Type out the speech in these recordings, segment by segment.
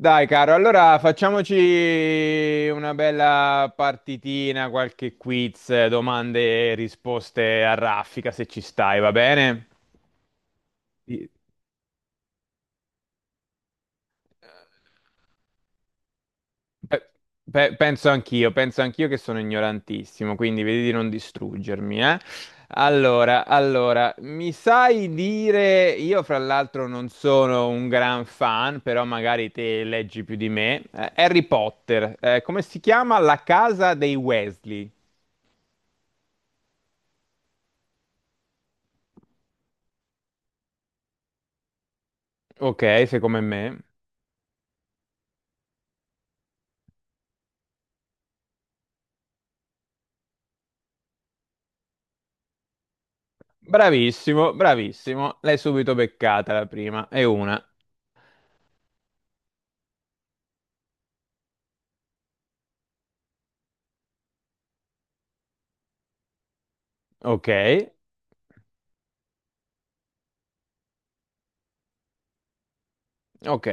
Dai, caro, allora facciamoci una bella partitina, qualche quiz, domande e risposte a raffica, se ci stai, va bene? Sì. Beh, penso anch'io che sono ignorantissimo, quindi vedi di non distruggermi, eh. Allora, mi sai dire, io fra l'altro non sono un gran fan, però magari te leggi più di me, Harry Potter, come si chiama? La casa dei Weasley. Ok, sei come me. Bravissimo, bravissimo, l'hai subito beccata la prima, e una. Ok, ok.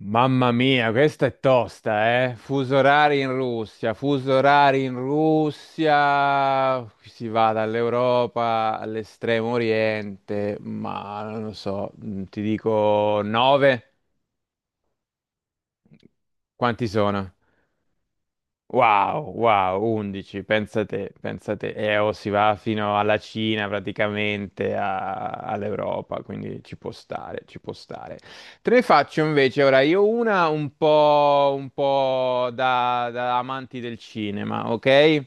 Mamma mia, questa è tosta, eh? Fuso orari in Russia, fuso orari in Russia, si va dall'Europa all'estremo oriente, ma non lo so, ti dico 9, quanti sono? Wow, wow, 11, pensa te, e o si va fino alla Cina praticamente, all'Europa, quindi ci può stare, ci può stare. Te ne faccio invece ora io una un po' da amanti del cinema, ok?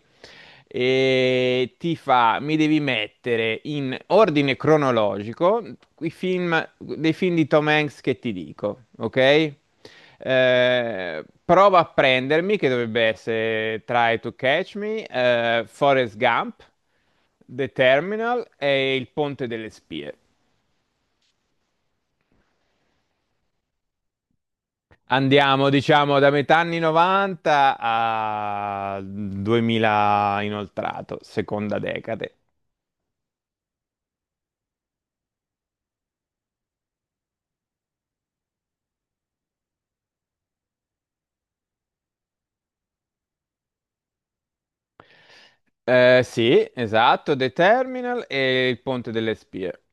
Mi devi mettere in ordine cronologico dei film di Tom Hanks che ti dico, ok? Prova a prendermi, che dovrebbe essere Try to Catch Me, Forrest Gump, The Terminal e Il Ponte delle Spie. Andiamo, diciamo, da metà anni 90 a 2000 inoltrato, seconda decade. Sì, esatto, The Terminal e il Ponte delle Spie.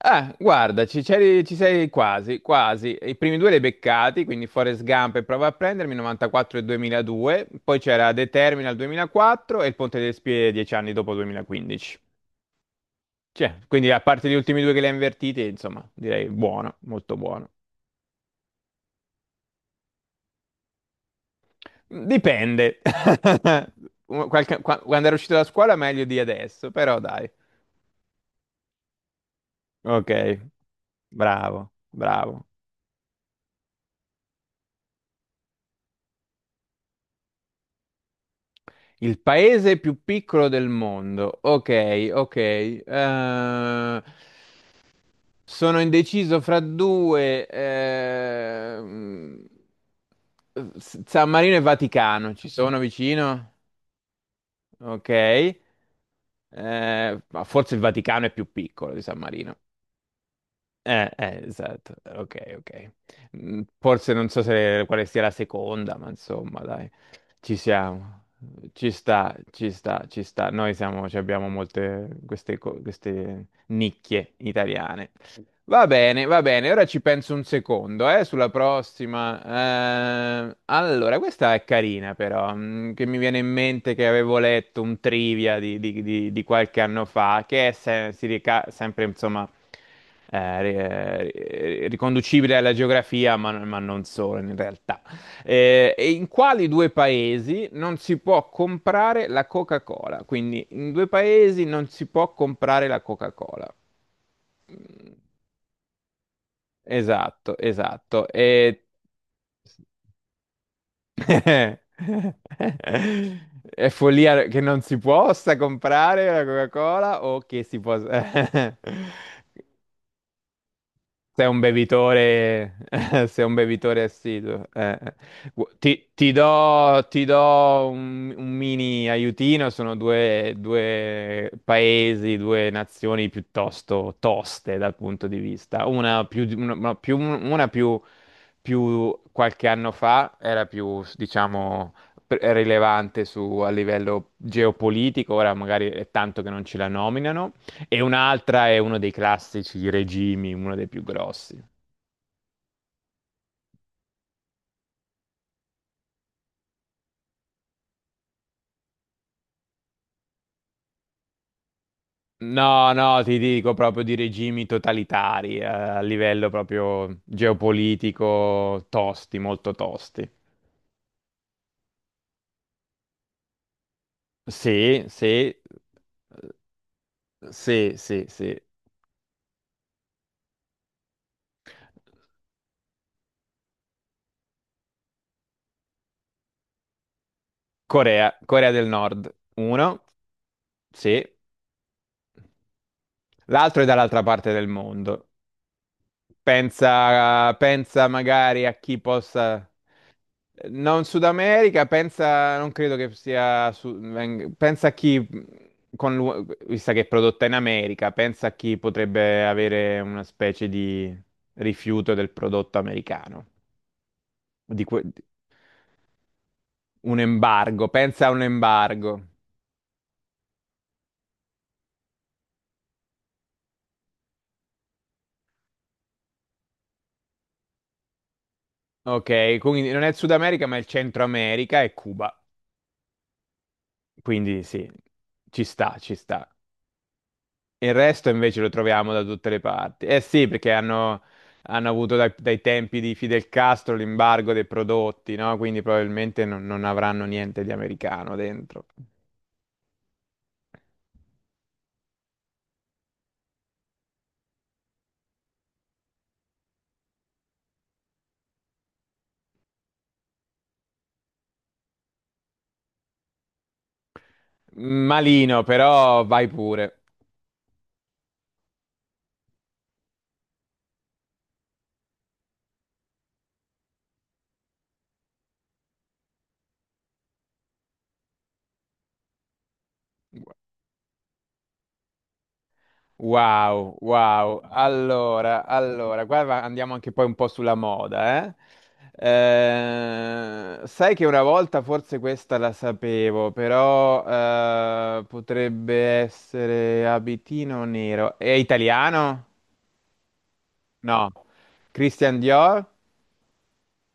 Ah, guarda, ci sei quasi, quasi. I primi due li hai beccati, quindi Forrest Gump e Prova a prendermi, 94 e 2002. Poi c'era The Terminal 2004 e il Ponte delle Spie 10 anni dopo 2015. Cioè, quindi a parte gli ultimi due che li hai invertiti, insomma, direi buono, molto buono. Dipende. Quando ero uscito da scuola meglio di adesso, però dai. Ok, bravo, bravo. Il paese più piccolo del mondo. Ok, ok. Sono indeciso fra due. San Marino e Vaticano ci sono vicino? Ok. Ma forse il Vaticano è più piccolo di San Marino. Esatto, ok, ok. Forse non so se quale sia la seconda, ma insomma, dai, ci siamo. Ci sta, ci sta, ci sta. Noi siamo, ci abbiamo molte queste, queste nicchie italiane. Va bene, ora ci penso un secondo, sulla prossima. Allora, questa è carina però, che mi viene in mente che avevo letto un trivia di qualche anno fa, che è sempre, insomma, eh, riconducibile alla geografia, ma non solo in realtà. E in quali due paesi non si può comprare la Coca-Cola? Quindi, in due paesi non si può comprare la Coca-Cola. Esatto, esatto. E. È follia che non si possa comprare la Coca-Cola o che si possa. Sei un bevitore, sei un bevitore assiduo. Ti do un mini aiutino, sono due paesi, due nazioni piuttosto toste dal punto di vista. Una più, di- una più- Più qualche anno fa era più, diciamo, rilevante a livello geopolitico, ora magari è tanto che non ce la nominano. E un'altra è uno dei classici regimi, uno dei più grossi. No, no, ti dico proprio di regimi totalitari, a livello proprio geopolitico, tosti, molto tosti. Sì, sì, sì, sì, sì. Corea, Corea del Nord, uno, sì. L'altro è dall'altra parte del mondo. Pensa, pensa magari a chi possa. Non Sud America, pensa, non credo che sia, pensa a chi, con vista che è prodotta in America, pensa a chi potrebbe avere una specie di rifiuto del prodotto americano, di que- un embargo, pensa a un embargo. Ok, quindi non è il Sud America, ma è il Centro America e Cuba, quindi sì, ci sta, ci sta. Il resto invece lo troviamo da tutte le parti. Eh sì, perché hanno avuto dai tempi di Fidel Castro l'embargo dei prodotti, no? Quindi probabilmente non avranno niente di americano dentro. Malino, però vai pure. Wow, wow. Allora, qua andiamo anche poi un po' sulla moda, eh? Sai che una volta forse questa la sapevo, però potrebbe essere abitino nero. È italiano? No. Christian Dior?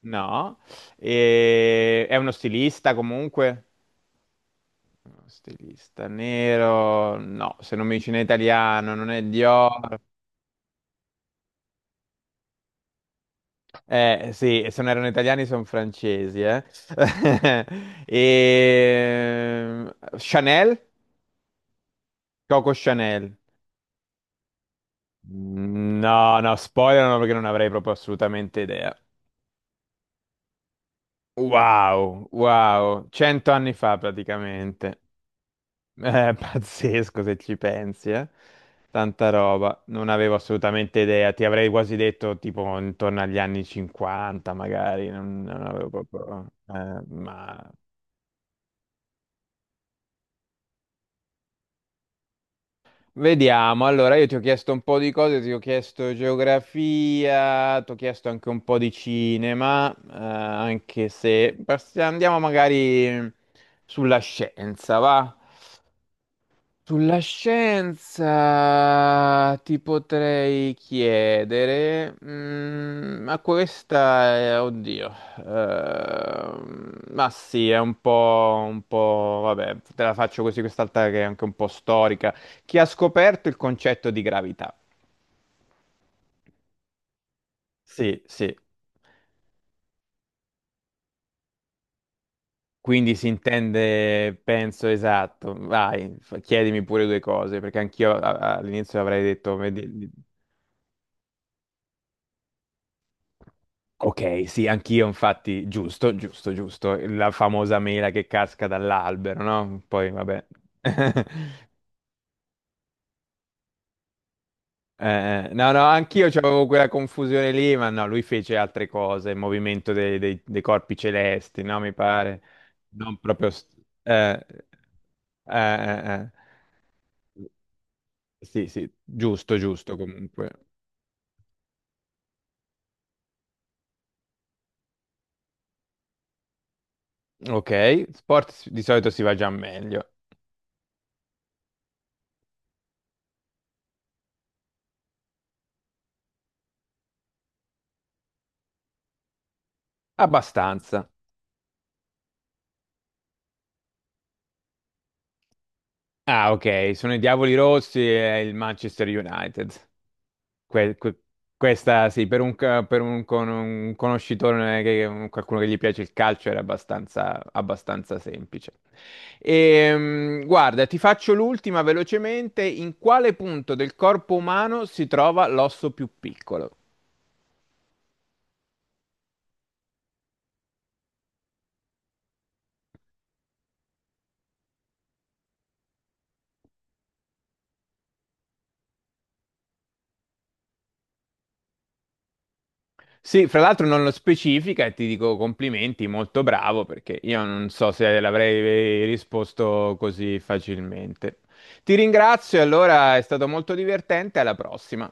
No. È uno stilista comunque? Uno stilista nero? No, se non mi dice in italiano, non è Dior. Eh sì, e se non erano italiani sono francesi, eh. E Chanel? Coco Chanel. No, no, spoilerano perché non avrei proprio assolutamente idea. Wow, wow, 100 anni fa praticamente. Pazzesco se ci pensi, eh. Tanta roba, non avevo assolutamente idea, ti avrei quasi detto tipo intorno agli anni 50 magari, non avevo proprio, ma. Vediamo, allora io ti ho chiesto un po' di cose, ti ho chiesto geografia, ti ho chiesto anche un po' di cinema, anche se andiamo magari sulla scienza, va? Sulla scienza ti potrei chiedere, ma questa è, oddio, ma sì, è un po', vabbè, te la faccio così quest'altra che è anche un po' storica. Chi ha scoperto il concetto di gravità? Sì, sì. Quindi si intende, penso, esatto. Vai, chiedimi pure due cose, perché anch'io all'inizio avrei detto. Ok, sì, anch'io infatti, giusto, giusto, giusto, la famosa mela che casca dall'albero, no? Poi vabbè. No, no, anch'io avevo quella confusione lì, ma no, lui fece altre cose, il movimento dei corpi celesti, no? Mi pare. Non proprio. Eh, eh, eh, eh. Sì, sì, giusto, giusto comunque. Ok, sport di solito si va già meglio, abbastanza. Ah, ok, sono i Diavoli Rossi e il Manchester United. Que- que- Questa sì, per un conoscitore, qualcuno che gli piace il calcio, era abbastanza, abbastanza semplice. Guarda, ti faccio l'ultima velocemente. In quale punto del corpo umano si trova l'osso più piccolo? Sì, fra l'altro non lo specifica e ti dico complimenti, molto bravo, perché io non so se l'avrei risposto così facilmente. Ti ringrazio, allora è stato molto divertente, alla prossima.